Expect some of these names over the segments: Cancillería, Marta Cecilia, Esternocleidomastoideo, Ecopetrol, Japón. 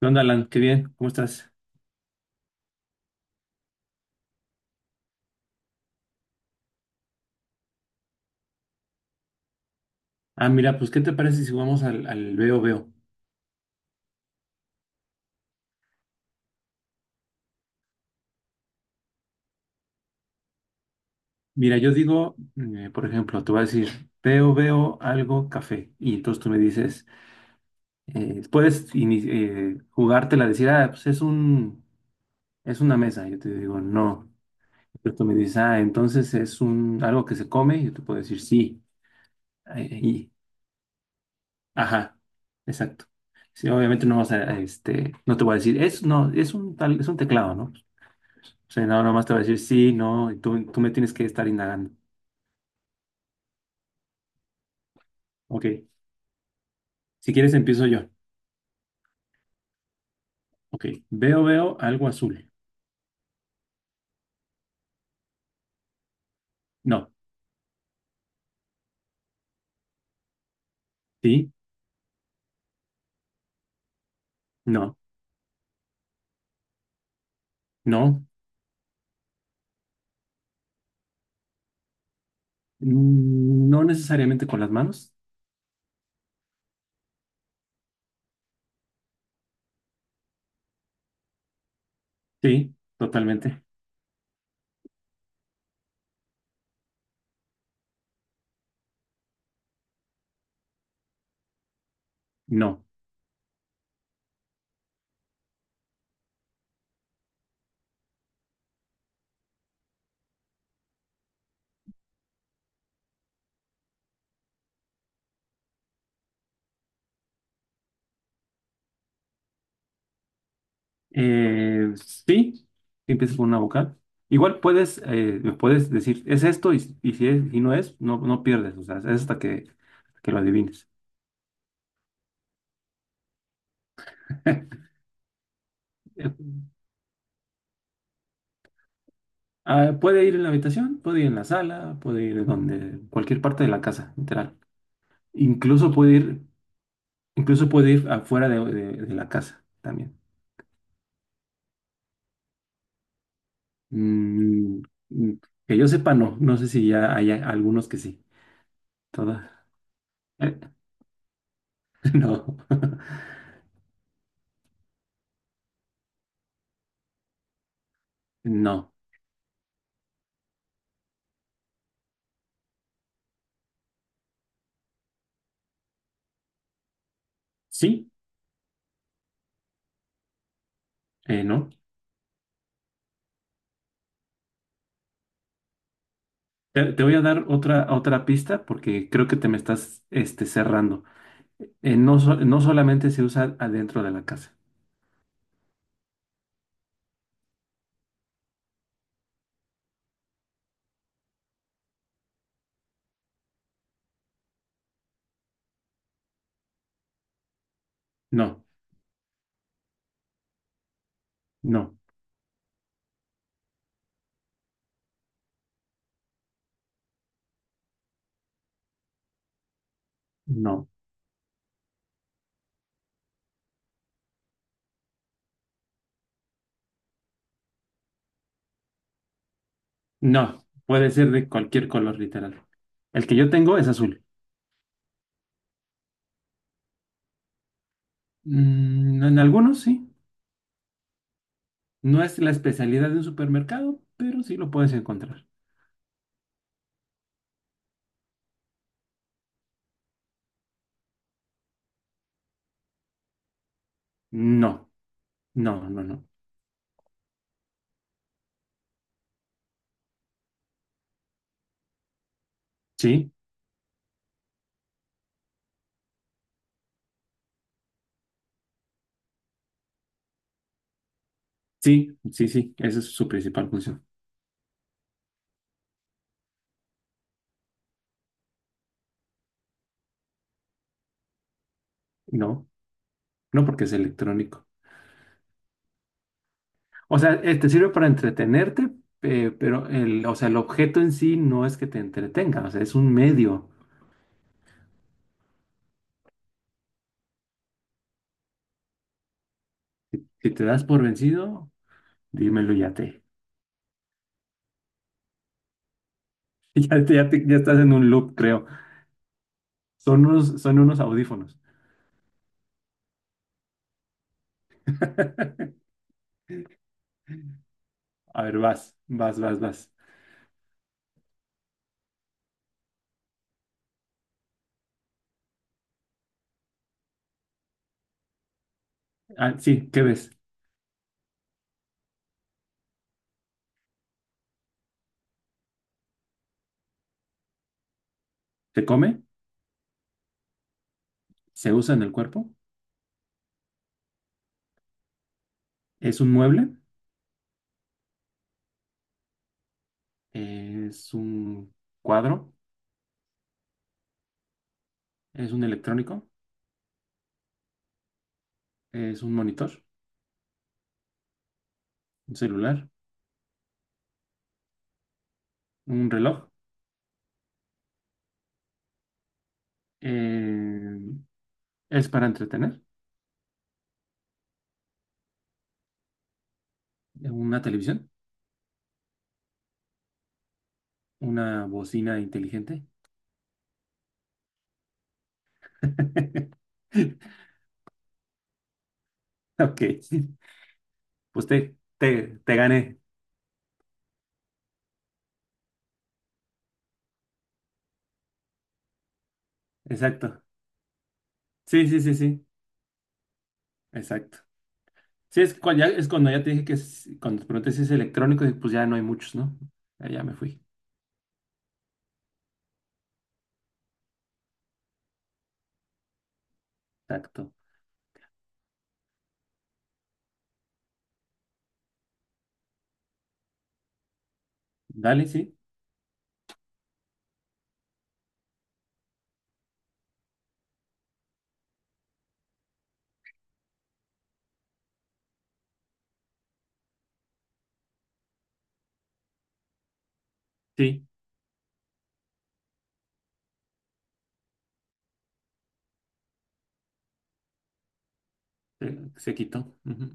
¿Qué onda, Alan? Qué bien, ¿cómo estás? Ah, mira, pues, ¿qué te parece si jugamos al veo veo? Mira, yo digo, por ejemplo, te voy a decir, veo veo algo café. Y entonces tú me dices, jugártela, decir, ah, pues es una mesa. Yo te digo, no. Entonces tú me dices, ah, entonces es un, algo que se come. Yo te puedo decir, sí. eh, y, ajá, exacto. Sí, obviamente no vas a este, no te voy a decir, es, no, es un tal, es un teclado, ¿no? Sí, no, nomás te va a decir sí, no, y tú me tienes que estar indagando. Ok, si quieres empiezo yo. Ok, veo, veo algo azul. No, sí, no, no, no necesariamente con las manos. Sí, totalmente. No. Sí, empiezas con una vocal. Igual puedes, puedes decir, es esto, y si es, y no es, no, no pierdes, o sea, es hasta que lo adivines. Ah, puede ir en la habitación, puede ir en la sala, puede ir donde, cualquier parte de la casa, literal. Incluso puede ir, incluso puede ir afuera de la casa también. Mm, mm, que yo sepa, no. No sé si ya hay a- algunos que sí. Todas. eh, no. No. Sí, no. Te, te voy a dar otra pista porque creo que te me estás este, cerrando. No, no solamente se usa adentro de la casa. No, no, no. No, puede ser de cualquier color, literal. El que yo tengo es azul. Mm, en algunos sí. No es la especialidad de un supermercado, pero sí lo puedes encontrar. No, no, no, no. Sí, sí, sí, sí. Esa es su principal función. No, no porque es electrónico. O sea, te sirve para entretenerte, pero el objeto en sí no es que te entretenga, o sea, es un medio. Si te das por vencido, dímelo ya te. Ya, ya estás en un loop, creo. Son unos audífonos. A ver, vas, vas, vas, vas. Ah, sí, ¿qué ves? Se come, se usa en el cuerpo, es un mueble, es un cuadro, es un electrónico, es un monitor, un celular, un reloj, eh, es para entretener, una televisión, una bocina inteligente. Ok, pues te, te gané, exacto. Sí, sí, sí, sí, exacto. Sí, es cuando ya te dije que es- cuando te pregunté si es electrónico, dije, pues ya no hay muchos, ¿no? Ya, ya me fui. Exacto. Dale, sí. Sí, se quitó. Ujú.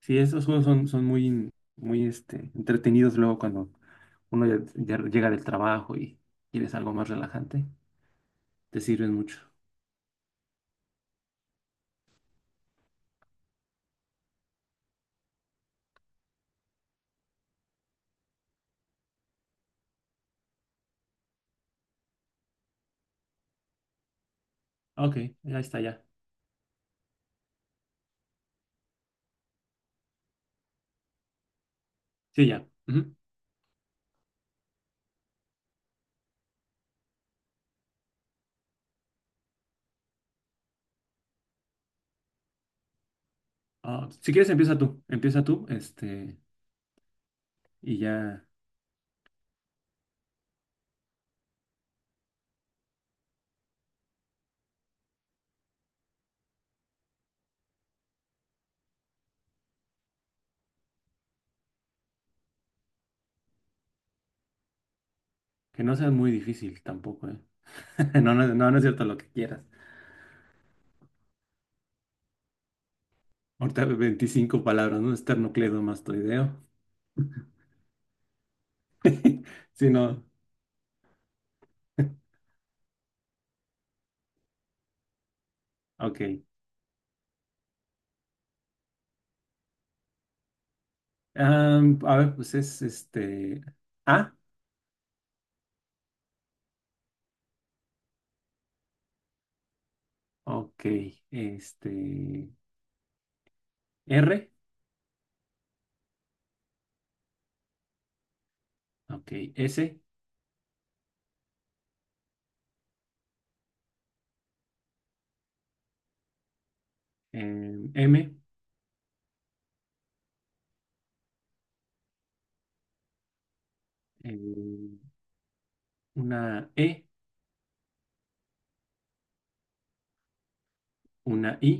Sí, esos juegos son, son muy, muy este, entretenidos luego cuando uno ya, ya llega del trabajo y quieres algo más relajante. Te sirven mucho. Ok, ya está, ya. Sí, ya. Ujú. Ah, si quieres, empieza tú. Empieza tú, este, y ya. Que no sea muy difícil tampoco, ¿eh? No, no, no, no es cierto lo que quieras. Ahorita 25 palabras, ¿no? Esternocleidomastoideo. Sí, no. Ok. Am, a ver, pues es este. A. Ok. Este. R. Ok. S. em, M. em, una E. Una I.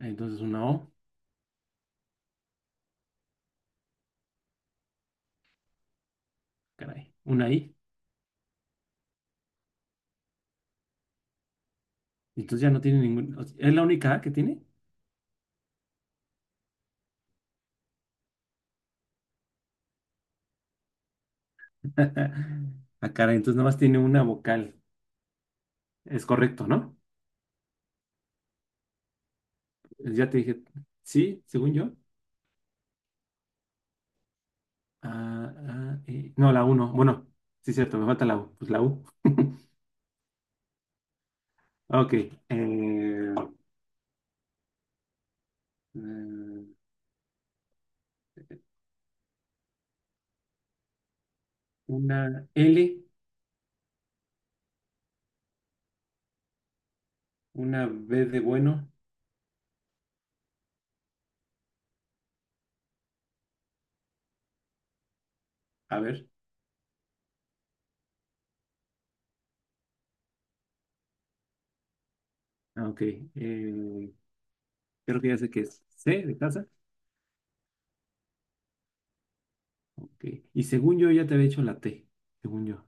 Entonces una O. Caray. Una I. Entonces ya no tiene ningún. O sea, ¿es la única A que tiene? Ah, caray. Entonces nada más tiene una vocal. Es correcto, ¿no? Ya te dije. Sí, según yo. Ah, ah, no, la U no. Bueno, sí, es cierto, me falta la U. Pues la U. Ok. eh, eh, una L, una B de bueno. A ver. Ah, ok. eh, creo que ya sé que es C de casa. Ok. Y según yo ya te había hecho la T, según yo.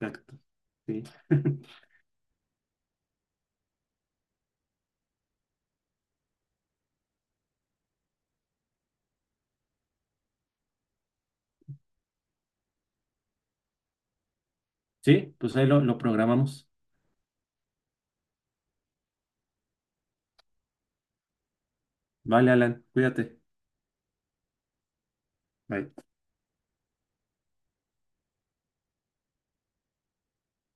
Exacto. Sí. Sí, pues ahí lo programamos. Vale, Alan, cuídate. Bye.